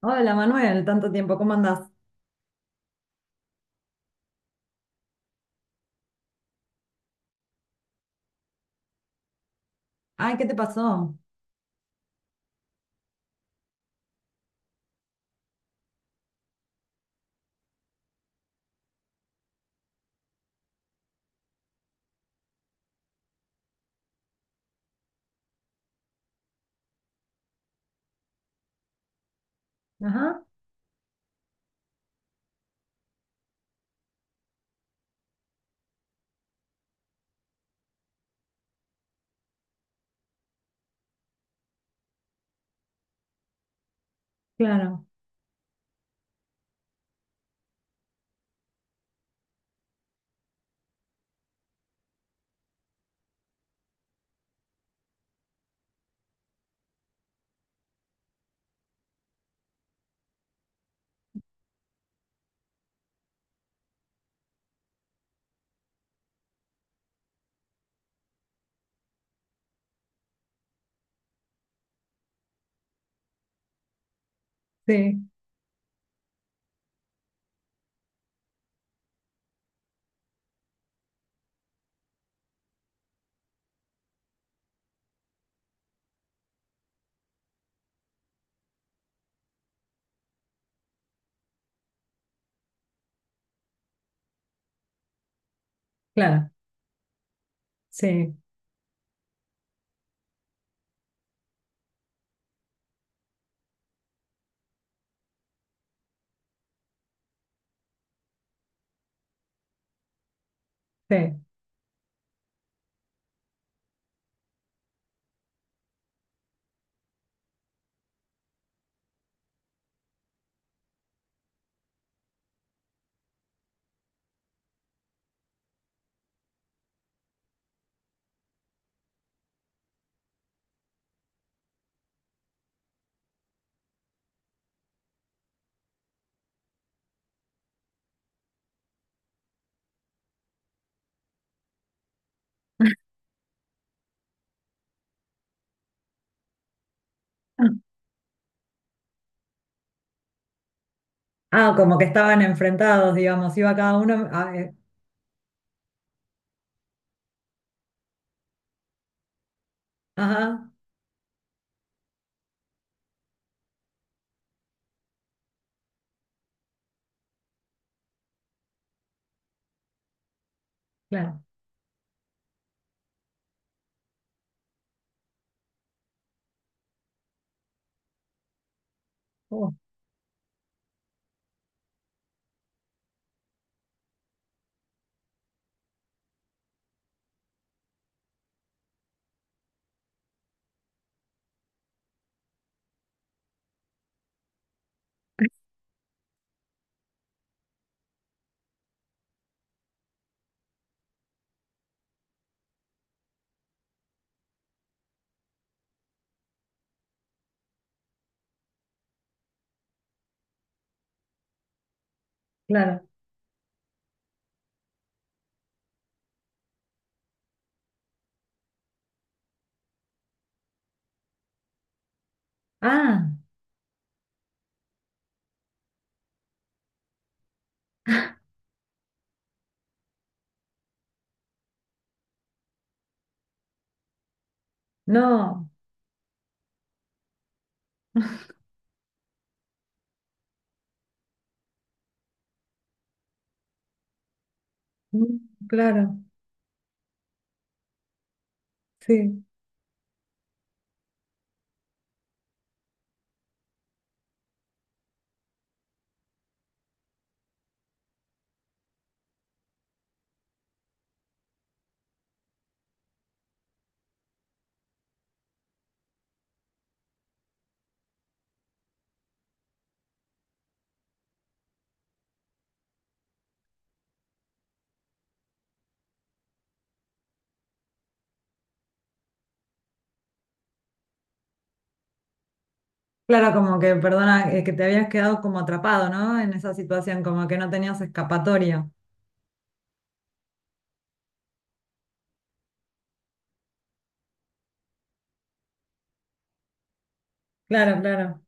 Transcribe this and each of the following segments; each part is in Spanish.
Hola Manuel, tanto tiempo, ¿cómo andás? Ay, ¿qué te pasó? Ajá, claro, sí, claro, sí, sí. Ah, como que estaban enfrentados, digamos, iba cada uno. Ajá, claro, oh, claro. Ah, no, mm, claro, sí. Claro, como que, perdona, que te habías quedado como atrapado, ¿no? En esa situación, como que no tenías escapatoria. Claro, claro.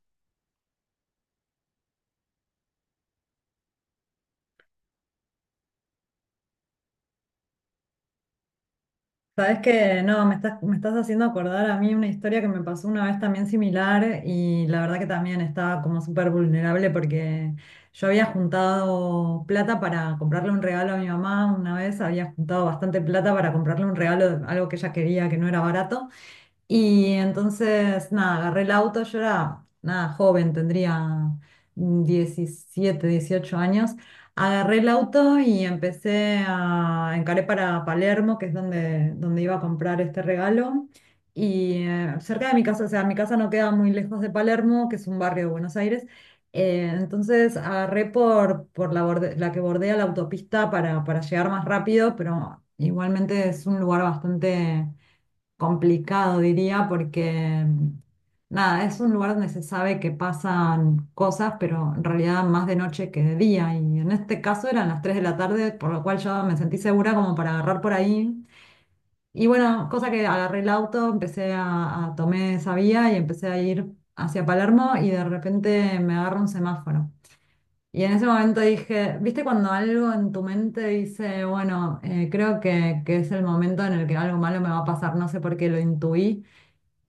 Sabes que no, me estás haciendo acordar a mí una historia que me pasó una vez también similar, y la verdad que también estaba como súper vulnerable, porque yo había juntado plata para comprarle un regalo a mi mamá una vez, había juntado bastante plata para comprarle un regalo, algo que ella quería que no era barato. Y entonces, nada, agarré el auto, yo era, nada, joven, tendría 17, 18 años. Agarré el auto y empecé a encaré para Palermo, que es donde, donde iba a comprar este regalo. Y cerca de mi casa, o sea, mi casa no queda muy lejos de Palermo, que es un barrio de Buenos Aires. Entonces agarré por la, borde- la que bordea la autopista para llegar más rápido, pero igualmente es un lugar bastante complicado, diría, porque nada, es un lugar donde se sabe que pasan cosas, pero en realidad más de noche que de día. Y en este caso eran las 3 de la tarde, por lo cual yo me sentí segura como para agarrar por ahí. Y bueno, cosa que agarré el auto, empecé a tomé esa vía y empecé a ir hacia Palermo, y de repente me agarra un semáforo. Y en ese momento dije, ¿viste cuando algo en tu mente dice, bueno, creo que, es el momento en el que algo malo me va a pasar? No sé por qué lo intuí.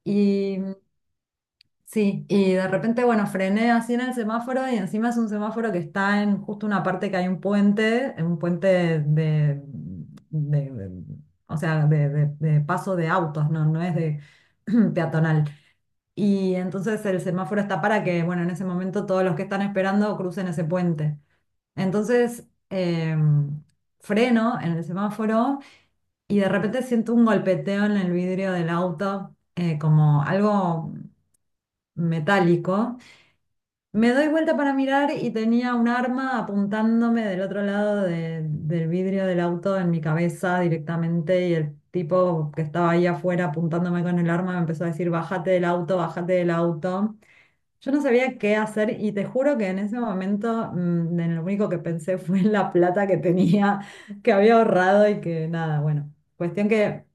Y sí, y de repente, bueno, frené así en el semáforo, y encima es un semáforo que está en justo una parte que hay un puente de- de- o sea, de paso de autos, no, no es de peatonal. Y entonces el semáforo está para que, bueno, en ese momento todos los que están esperando crucen ese puente. Entonces, freno en el semáforo, y de repente siento un golpeteo en el vidrio del auto, como algo metálico. Me doy vuelta para mirar, y tenía un arma apuntándome del otro lado del vidrio del auto, en mi cabeza directamente, y el tipo que estaba ahí afuera apuntándome con el arma me empezó a decir, bájate del auto, bájate del auto. Yo no sabía qué hacer, y te juro que en ese momento, en lo único que pensé fue en la plata que tenía, que había ahorrado, y que nada, bueno, cuestión que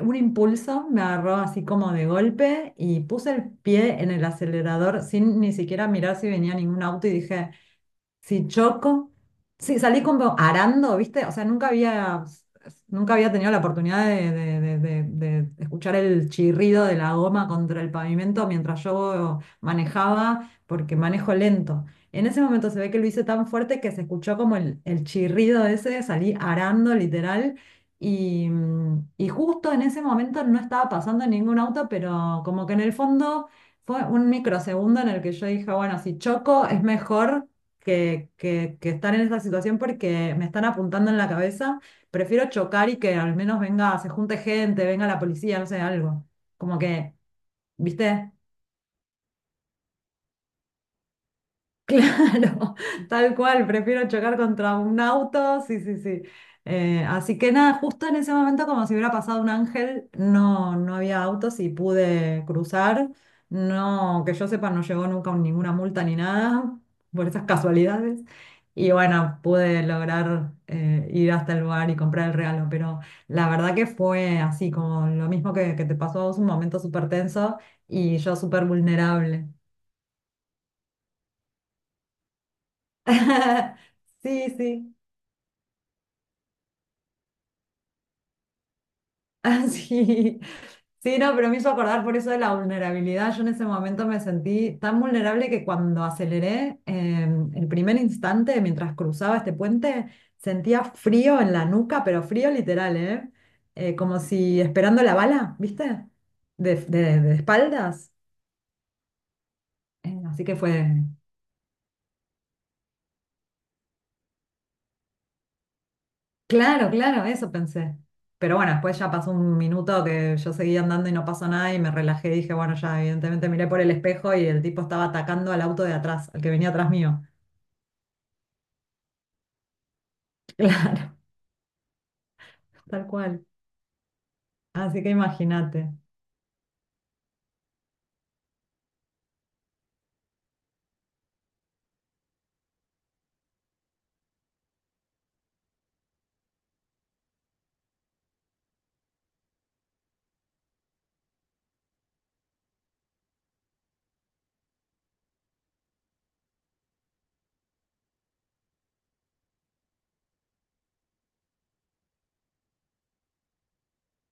un impulso me agarró así como de golpe y puse el pie en el acelerador sin ni siquiera mirar si venía ningún auto, y dije, si choco. Sí, salí como arando, ¿viste? O sea, nunca había, nunca había tenido la oportunidad de escuchar el chirrido de la goma contra el pavimento mientras yo manejaba, porque manejo lento. En ese momento se ve que lo hice tan fuerte que se escuchó como el chirrido ese, salí arando literal. Y justo en ese momento no estaba pasando ningún auto, pero como que en el fondo fue un microsegundo en el que yo dije, bueno, si choco es mejor que estar en esta situación, porque me están apuntando en la cabeza. Prefiero chocar y que al menos venga, se junte gente, venga la policía, no sé, algo. Como que, ¿viste? Claro, tal cual, prefiero chocar contra un auto, sí, sí, sí. Así que nada, justo en ese momento, como si hubiera pasado un ángel, no, no había autos y pude cruzar. No, que yo sepa, no llegó nunca ninguna multa ni nada, por esas casualidades. Y bueno, pude lograr ir hasta el lugar y comprar el regalo, pero la verdad que fue así, como lo mismo que te pasó a vos, un momento súper tenso y yo súper vulnerable. Sí, sí. Ah, sí. Sí, no, pero me hizo acordar por eso de la vulnerabilidad. Yo en ese momento me sentí tan vulnerable que cuando aceleré, el primer instante mientras cruzaba este puente, sentía frío en la nuca, pero frío literal, ¿eh? Como si esperando la bala, ¿viste? De, de espaldas. Así que fue. Claro, claro, eso pensé. Pero bueno, después ya pasó un minuto que yo seguía andando y no pasó nada y me relajé y dije, bueno, ya evidentemente miré por el espejo, y el tipo estaba atacando al auto de atrás, al que venía atrás mío. Claro, tal cual. Así que imagínate.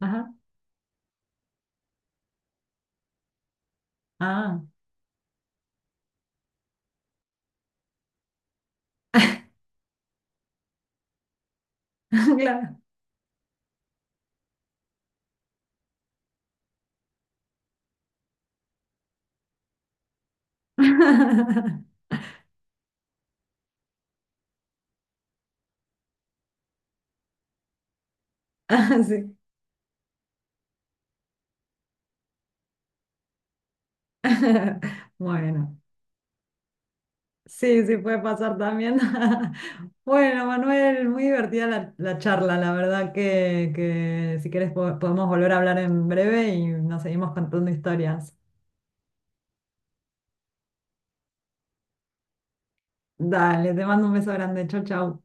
Ajá. Ah, claro. Ah, sí. Bueno. Sí, sí puede pasar también. Bueno, Manuel, muy divertida la charla. La verdad que si quieres podemos volver a hablar en breve y nos seguimos contando historias. Dale, te mando un beso grande. Chau, chau.